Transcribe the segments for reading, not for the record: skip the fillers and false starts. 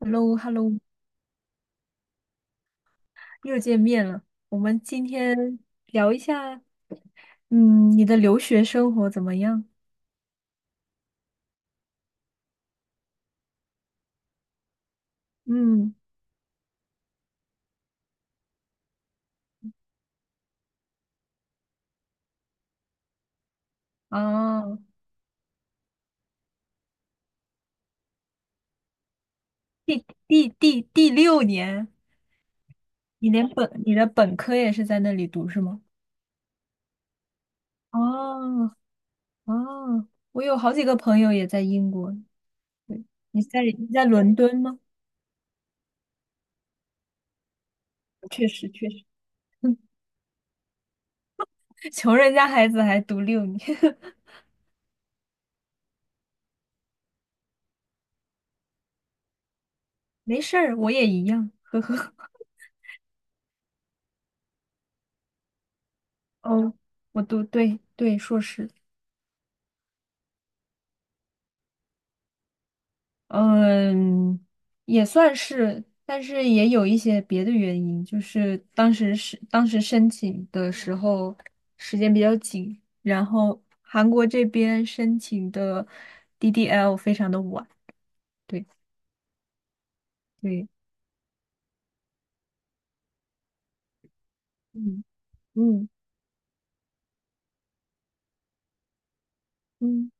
h e l l o h e l l o 又见面了。我们今天聊一下，你的留学生活怎么样？嗯，啊，第六年，你的本科也是在那里读是吗？哦哦，我有好几个朋友也在英国。对，你在伦敦吗？确实确实，穷人家孩子还读六年，没事儿，我也一样。哦，我读，对对，硕士。嗯，也算是，但是也有一些别的原因，就是当时申请的时候时间比较紧，然后韩国这边申请的 DDL 非常的晚，对对，嗯嗯嗯，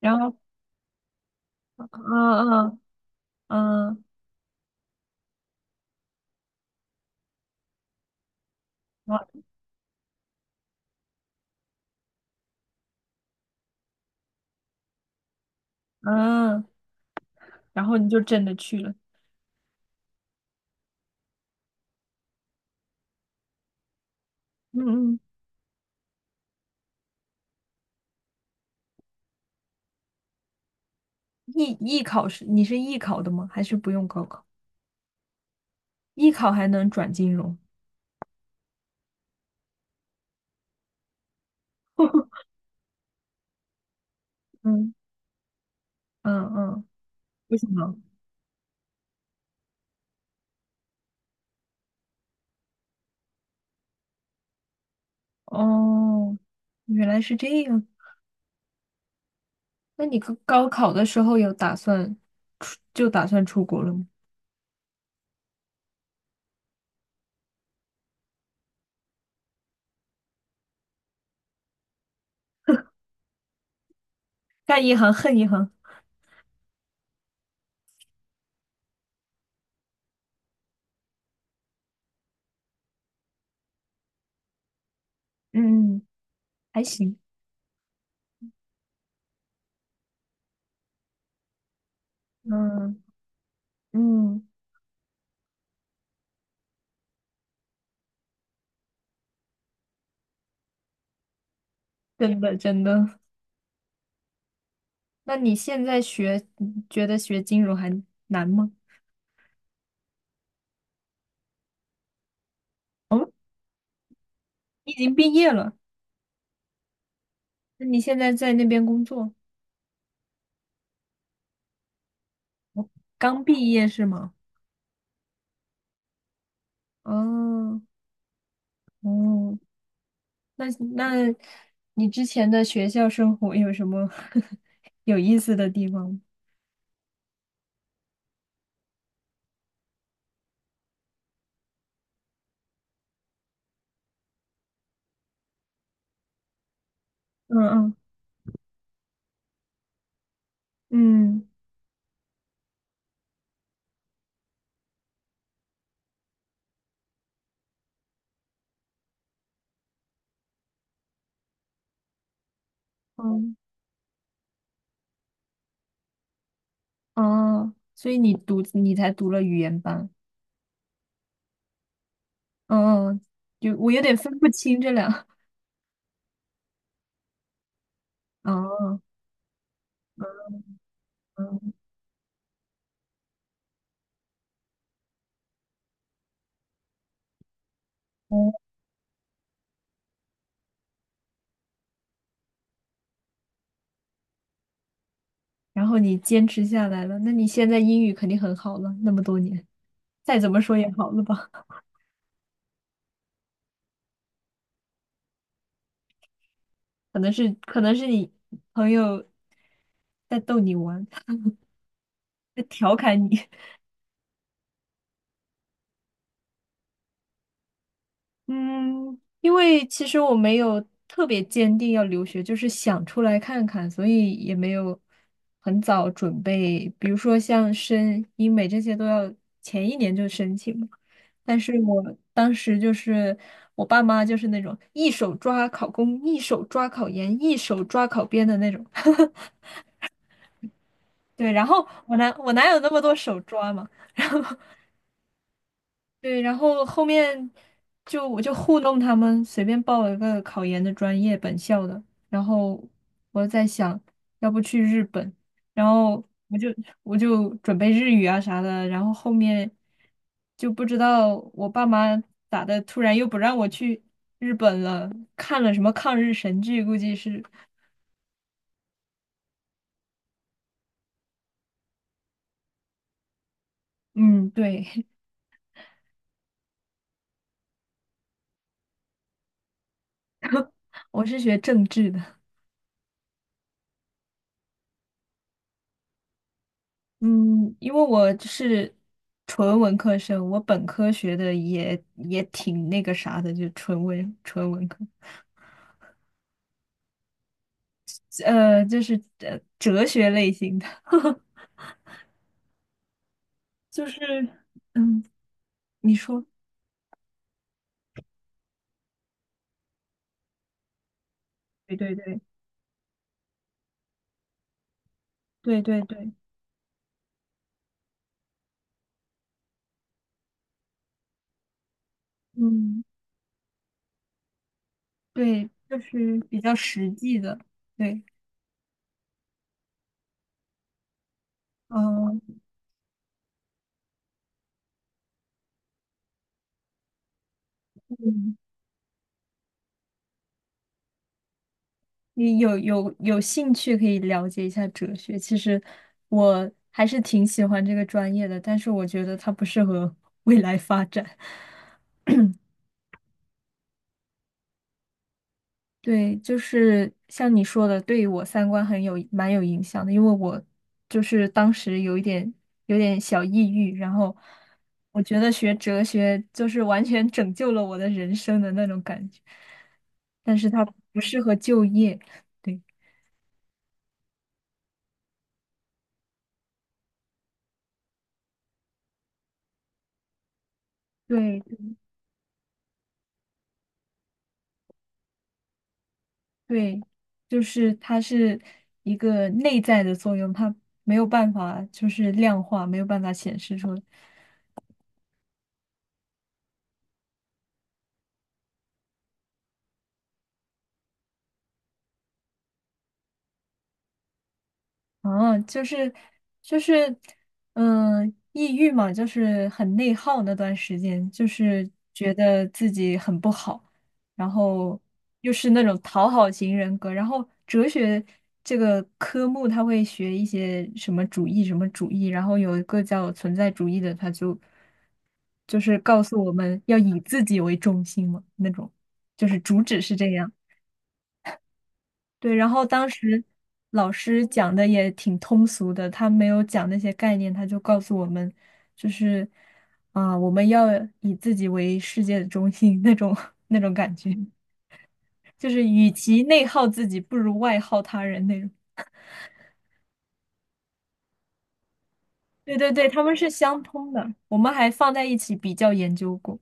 然后嗯嗯嗯嗯，然后你就真的去了，嗯嗯，艺艺考是你是艺考的吗？还是不用高考？艺考还能转金融？嗯嗯嗯。为什么？哦，原来是这样。那你高考的时候有打算出，就打算出国了吗？干一行恨一行。嗯，还行。嗯嗯，真的真的。那你现在学，你觉得学金融还难吗？哦，你已经毕业了，那你现在在那边工作，刚毕业是吗？哦哦，那那你之前的学校生活有什么 有意思的地方吗？嗯嗯嗯嗯哦，所以你才读了语言班，嗯嗯，就我有点分不清这俩哦嗯嗯哦，然后你坚持下来了，那你现在英语肯定很好了，那么多年，再怎么说也好了吧？可能是你朋友在逗你玩，在调侃你，嗯，因为其实我没有特别坚定要留学，就是想出来看看，所以也没有很早准备。比如说像申英美这些都要前一年就申请嘛。但是我当时就是我爸妈就是那种一手抓考公，一手抓考研，一手抓考编的那种。对，然后我哪有那么多手抓嘛？对，然后后面就我就糊弄他们，随便报了个考研的专业，本校的。然后我在想，要不去日本，然后我就我就准备日语啊啥的。然后后面就不知道我爸妈咋的，突然又不让我去日本了，看了什么抗日神剧，估计是，嗯，对，我是学政治的。嗯，因为我是纯文科生，我本科学的也挺那个啥的，就纯文科，就是哲学类型的，就是嗯，你说，对对对对对对，嗯，对，就是比较实际的，对，嗯嗯，你有兴趣可以了解一下哲学，其实我还是挺喜欢这个专业的，但是我觉得它不适合未来发展。对，就是像你说的，对于我三观蛮有影响的，因为我就是当时有点小抑郁，然后我觉得学哲学就是完全拯救了我的人生的那种感觉，但是它不适合就业，对对对，就是它是一个内在的作用，它没有办法就是量化，没有办法显示出来。哦，就是，嗯、抑郁嘛，就是很内耗那段时间，就是觉得自己很不好，然后又是那种讨好型人格，然后哲学这个科目他会学一些什么主义什么主义，然后有一个叫存在主义的，就是告诉我们要以自己为中心嘛，那种就是主旨是这样。对，然后当时老师讲的也挺通俗的，他没有讲那些概念，他就告诉我们，就是啊、我们要以自己为世界的中心那种 那种感觉，就是与其内耗自己，不如外耗他人那种。对对对，他们是相通的，我们还放在一起比较研究过。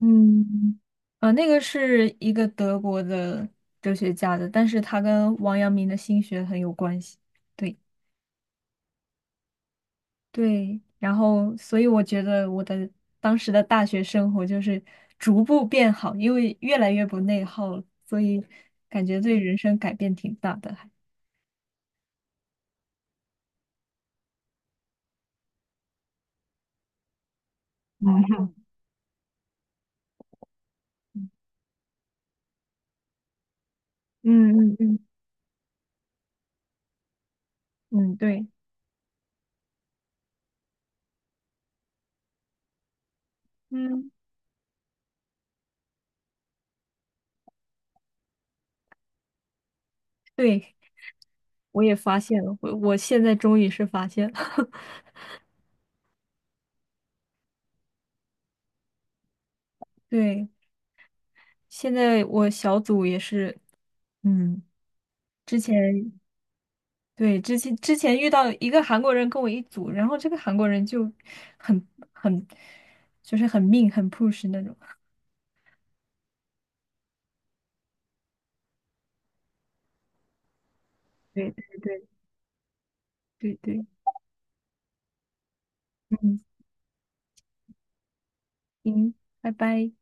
嗯，啊，那个是一个德国的哲学家的，但是他跟王阳明的心学很有关系。对。对，然后所以我觉得我的当时的大学生活就是逐步变好，因为越来越不内耗了，所以感觉对人生改变挺大的还。嗯嗯嗯嗯嗯，对，嗯，对，我也发现了，我现在终于是发现了，对，现在我小组也是，嗯，之前。对，之前遇到一个韩国人跟我一组，然后这个韩国人就很很就是很命很 push 那种。对对对对对，嗯，行，拜拜。